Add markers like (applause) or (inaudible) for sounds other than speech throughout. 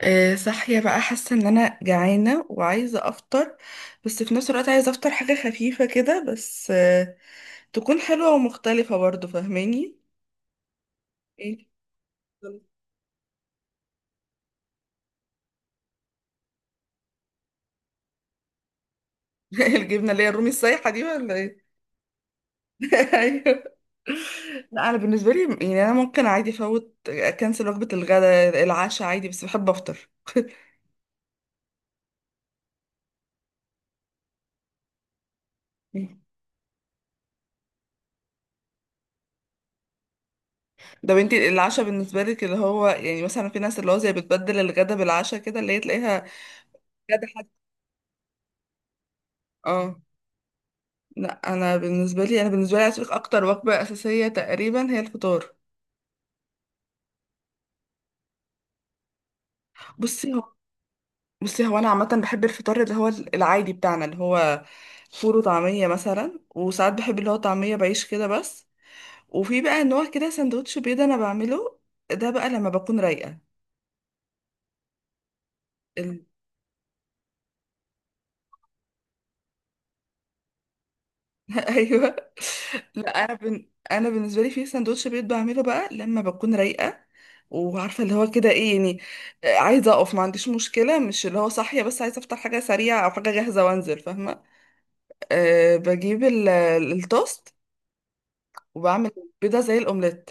صاحية بقى، حاسة ان انا جعانة وعايزة افطر. بس في نفس الوقت عايزة افطر حاجة خفيفة كده بس، تكون حلوة ومختلفة برضو. فاهماني؟ ايه. (laughs) الجبنة اللي هي الرومي السايحة دي ولا ايه؟ (laughs) ايوه. لا، انا بالنسبة لي يعني انا ممكن عادي افوت، اكنسل وجبة الغداء، العشاء عادي، بس بحب افطر. (laughs) ده بنتي العشاء بالنسبة لك اللي هو يعني مثلا في ناس اللي هو زي بتبدل الغدا بالعشاء كده اللي هي تلاقيها غدا حد. اه. لا، انا بالنسبه لي عايز أقولك اكتر وجبه اساسيه تقريبا هي الفطار. بصي هو بصي هو انا عامه بحب الفطار اللي هو العادي بتاعنا اللي هو فول وطعميه مثلا، وساعات بحب اللي هو طعميه بعيش كده بس. وفي بقى نوع كده سندوتش بيض انا بعمله، ده بقى لما بكون رايقه. ايوه. لا انا بالنسبه لي في سندوتش بيض بعمله بقى لما بكون رايقه، وعارفه اللي هو كده ايه يعني. عايزه اقف، ما عنديش مشكله، مش اللي هو صاحيه بس عايزه افطر حاجه سريعه او حاجه جاهزه وانزل. فاهمه؟ بجيب التوست وبعمل بيضه زي الاومليت،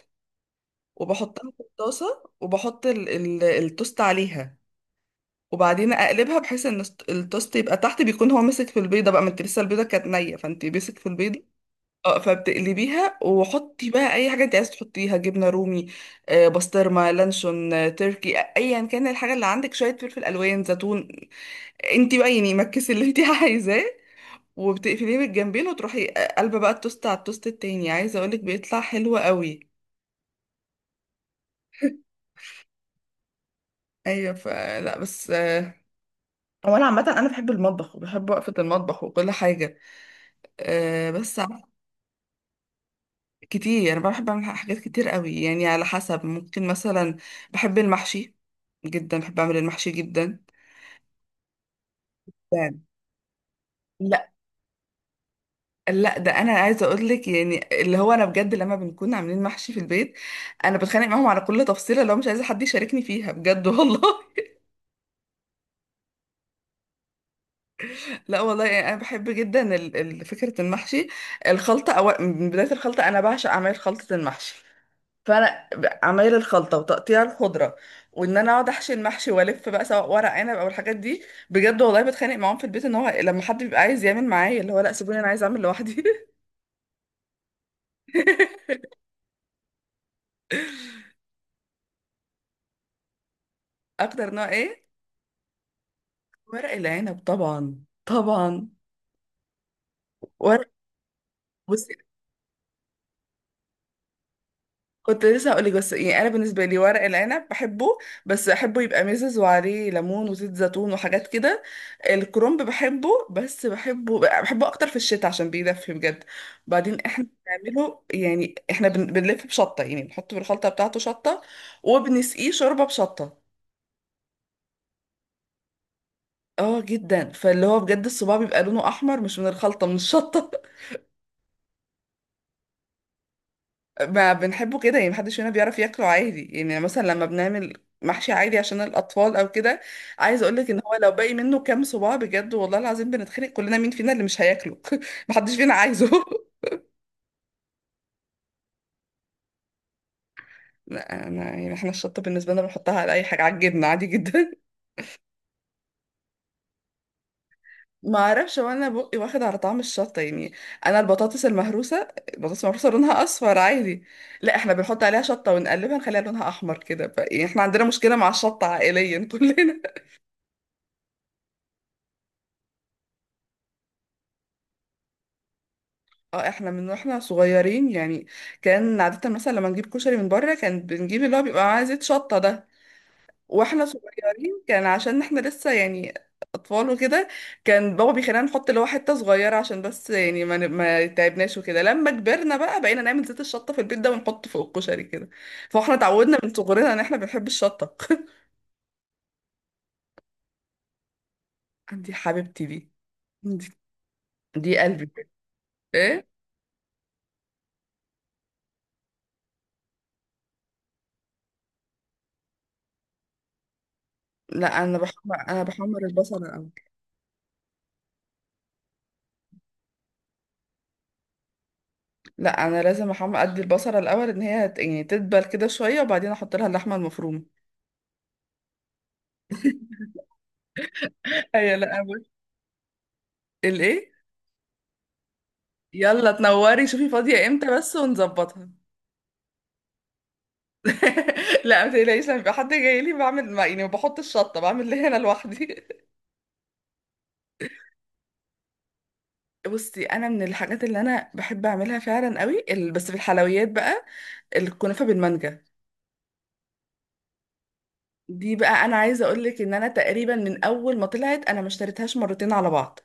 وبحطها في الطاسه وبحط التوست عليها. وبعدين اقلبها بحيث ان التوست يبقى تحت، بيكون هو ماسك في البيضه بقى، ما انت لسه البيضه كانت نيه فانت ماسك في البيضه. اه فبتقلبيها وحطي بقى اي حاجه انت عايزه تحطيها، جبنه رومي، بسطرمه، لانشون، تركي، ايا كان الحاجه اللي عندك، شويه فلفل الوان، زيتون، انت بقى يعني مكسي اللي انت (laughs) عايزاه. وبتقفليه بالجنبين وتروحي قلبه بقى التوست على التوست التاني. عايزه اقولك بيطلع حلو قوي. ايوه فلا بس، هو انا عامه انا بحب المطبخ وبحب وقفه المطبخ وكل حاجه، بس كتير. انا بحب اعمل حاجات كتير قوي يعني على حسب. ممكن مثلا بحب المحشي جدا، بحب اعمل المحشي جدا يعني. لا، لا ده انا عايزه اقول لك يعني اللي هو انا بجد لما بنكون عاملين محشي في البيت انا بتخانق معاهم على كل تفصيله، لو مش عايزه حد يشاركني فيها بجد والله. (laughs) لا والله يعني انا بحب جدا فكره المحشي، الخلطه، أو من بدايه الخلطه. انا بعشق اعمال خلطه المحشي، فانا عمايل الخلطه وتقطيع الخضره، وان انا اقعد احشي المحشي والف بقى، سواء ورق عنب او الحاجات دي. بجد والله بتخانق معاهم في البيت ان هو لما حد بيبقى عايز يعمل معايا اللي هو لا، سيبوني انا عايز اعمل لوحدي. (laughs) اكتر نوع ايه؟ ورق العنب طبعا، طبعا. ورق. بصي كنت لسه هقولك، بس يعني انا بالنسبه لي ورق العنب بحبه، بس احبه يبقى مزز وعليه ليمون وزيت زيتون وحاجات كده. الكرنب بحبه، بس بحبه، بحبه اكتر في الشتاء عشان بيدفي بجد. بعدين احنا بنعمله يعني احنا بنلف بشطه، يعني بنحط بالخلطه بتاعته شطه وبنسقيه شوربه بشطه. اه جدا، فاللي هو بجد الصباع بيبقى لونه احمر مش من الخلطه، من الشطه. ما بنحبه كده يعني محدش فينا بيعرف ياكله عادي. يعني مثلا لما بنعمل محشي عادي عشان الأطفال أو كده، عايز أقولك إن هو لو باقي منه كام صباع بجد والله العظيم بنتخانق كلنا مين فينا اللي مش هياكله. (laughs) محدش فينا عايزه. (laughs) لا أنا يعني إحنا الشطة بالنسبة لنا بنحطها على أي حاجة، على الجبنة عادي جدا. (laughs) ما أعرفش، وأنا بقي واخد على طعم الشطة يعني. أنا البطاطس المهروسة، البطاطس المهروسة لونها أصفر عادي. لا، إحنا بنحط عليها شطة ونقلبها نخليها لونها أحمر كده يعني إحنا عندنا مشكلة مع الشطة عائليا (laughs) كلنا. اه احنا من واحنا صغيرين يعني، كان عادة مثلا لما نجيب كشري من بره كان بنجيب اللي هو بيبقى معاه زيت شطة ده. واحنا صغيرين كان عشان احنا لسه يعني اطفال وكده، كان بابا بيخلينا نحط اللي هو حتة صغيرة عشان بس يعني ما تعبناش وكده. لما كبرنا بقى بقينا نعمل زيت الشطة في البيت ده ونحط فوق الكشري كده. فاحنا اتعودنا من صغرنا ان احنا بنحب الشطة. (laughs) دي حبيبتي دي. دي, دي قلبي. ايه؟ لا، انا بحمر البصل الاول. لا انا لازم احمر، ادي البصله الاول ان هي يعني تدبل كده شويه وبعدين احط لها اللحمه المفرومه. (laughs) ايوه. لا بص. الايه؟ يلا تنوري، شوفي فاضيه امتى بس ونظبطها. (laughs) لا ما تقلقيش، لما يبقى حد جاي لي بعمل، ما يعني ما بحط الشطه، بعمل اللي هنا لوحدي. (laughs) بصي انا من الحاجات اللي انا بحب اعملها فعلا قوي، بس في الحلويات بقى الكنافه بالمانجا. دي بقى انا عايزه اقول لك ان انا تقريبا من اول ما طلعت انا ما اشتريتهاش مرتين على بعض.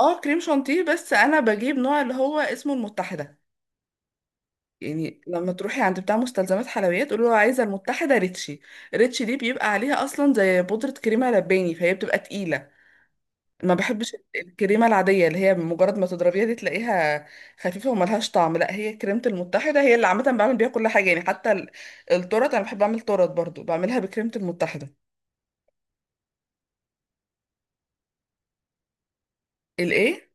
اه كريم شانتيه، بس انا بجيب نوع اللي هو اسمه المتحده. يعني لما تروحي عند بتاع مستلزمات حلويات قولي له عايزه المتحده ريتشي. ريتشي دي بيبقى عليها اصلا زي بودره كريمه لباني، فهي بتبقى تقيله. ما بحبش الكريمه العاديه اللي هي مجرد ما تضربيها دي تلاقيها خفيفه وملهاش طعم. لا هي كريمه المتحده هي اللي عامه بعمل بيها كل حاجه يعني، حتى التورت انا بحب اعمل تورت برضو بعملها بكريمه المتحده. الايه؟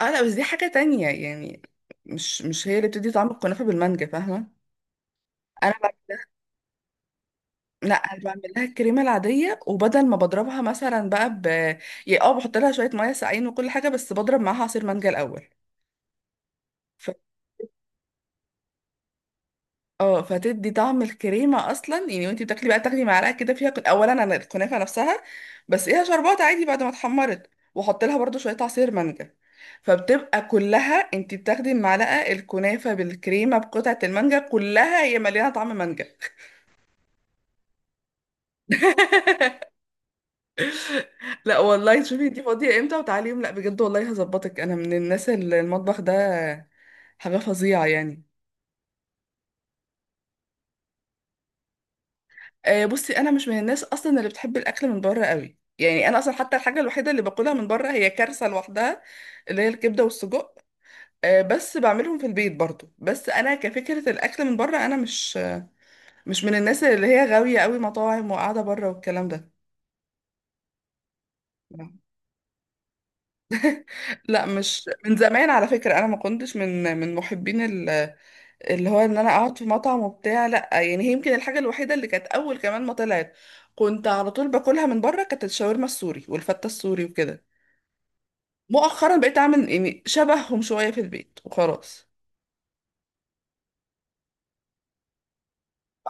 اه لا بس دي حاجه تانية يعني، مش هي اللي بتدي طعم الكنافه بالمانجا. فاهمه؟ انا لا انا بعمل لها الكريمه العاديه وبدل ما بضربها مثلا بقى يعني اه بحط لها شويه ميه ساقعين وكل حاجه، بس بضرب معاها عصير مانجا الاول ف... اه، فتدي طعم الكريمه اصلا يعني. وانتي بتاكلي بقى تاخدي معلقه كده فيها اولا انا الكنافه نفسها بس ايه شربات عادي بعد ما اتحمرت، واحط لها برضو شويه عصير مانجا، فبتبقى كلها. انتي بتاخدي المعلقه الكنافه بالكريمه بقطعه المانجا كلها هي مليانه طعم مانجا. (laughs) لا والله شوفي دي فاضية امتى وتعالي يوم، لا بجد والله هظبطك، انا من الناس اللي المطبخ ده حاجة فظيعة يعني. آه، بصي انا مش من الناس اصلا اللي بتحب الاكل من بره قوي. يعني انا اصلا حتى الحاجة الوحيدة اللي باكلها من بره هي كارثة لوحدها، اللي هي الكبدة والسجق. آه، بس بعملهم في البيت برضو. بس انا كفكرة الاكل من بره انا مش مش من الناس اللي هي غاوية قوي مطاعم وقاعدة بره والكلام ده. لا مش من زمان على فكرة، انا ما كنتش من محبين اللي هو ان انا اقعد في مطعم وبتاع. لا يعني هي يمكن الحاجه الوحيده اللي كانت اول كمان ما طلعت كنت على طول باكلها من بره، كانت الشاورما السوري والفته السوري وكده. مؤخرا بقيت اعمل يعني شبههم شويه في البيت وخلاص.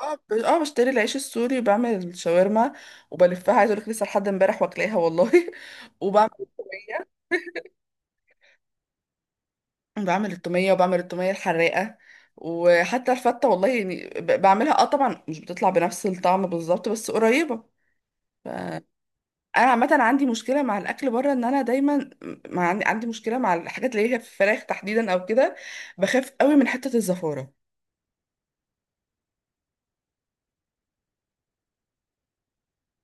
اه بشتري العيش السوري وبعمل الشاورما وبلفها. عايز اقول لك لسه لحد امبارح واكلاها والله. (laughs) وبعمل التوميه. بعمل التوميه وبعمل التوميه الحراقه. وحتى الفته والله يعني، بعملها اه. طبعا مش بتطلع بنفس الطعم بالظبط بس قريبه. انا عامه عندي مشكله مع الاكل بره ان انا دايما مع عندي عندي مشكله مع الحاجات اللي هي في الفراخ تحديدا او كده، بخاف قوي من حته الزفاره.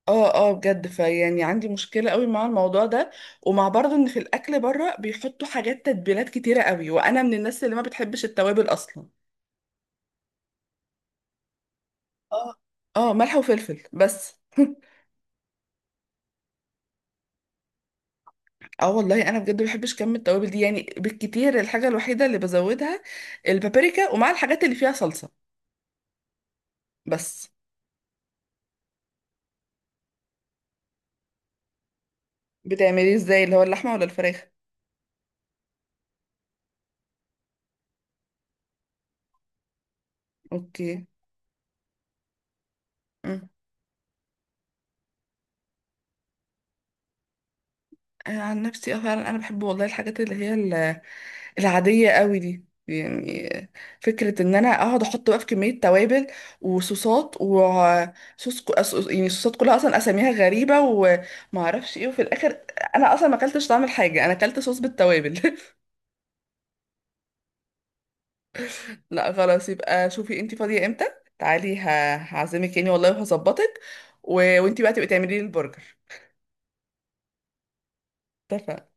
اه اه بجد، فيعني عندي مشكله قوي مع الموضوع ده. ومع برضه ان في الاكل بره بيحطوا حاجات تتبيلات كتيره قوي، وانا من الناس اللي ما بتحبش التوابل اصلا. اه اه، ملح وفلفل بس. (laughs) اه والله انا بجد ما بحبش كم التوابل دي يعني. بالكتير الحاجه الوحيده اللي بزودها البابريكا، ومع الحاجات اللي فيها صلصه بس. بتعمليه ازاي اللي هو اللحمه ولا الفراخ؟ اوكي. مم. انا عن نفسي اه فعلا انا بحب والله الحاجات اللي هي العاديه قوي دي يعني. فكره ان انا اقعد احط بقى في كميه توابل وصوصات وصوص يعني صوصات كلها اصلا اساميها غريبه وما اعرفش ايه، وفي الاخر انا اصلا ما اكلتش طعم الحاجه، انا اكلت صوص بالتوابل. (laughs) لا خلاص يبقى شوفي انتي فاضيه امتى تعالي، هعزمك يعني والله وهظبطك و... وانتي بقى تبقي تعملي لي البرجر. اتفقنا.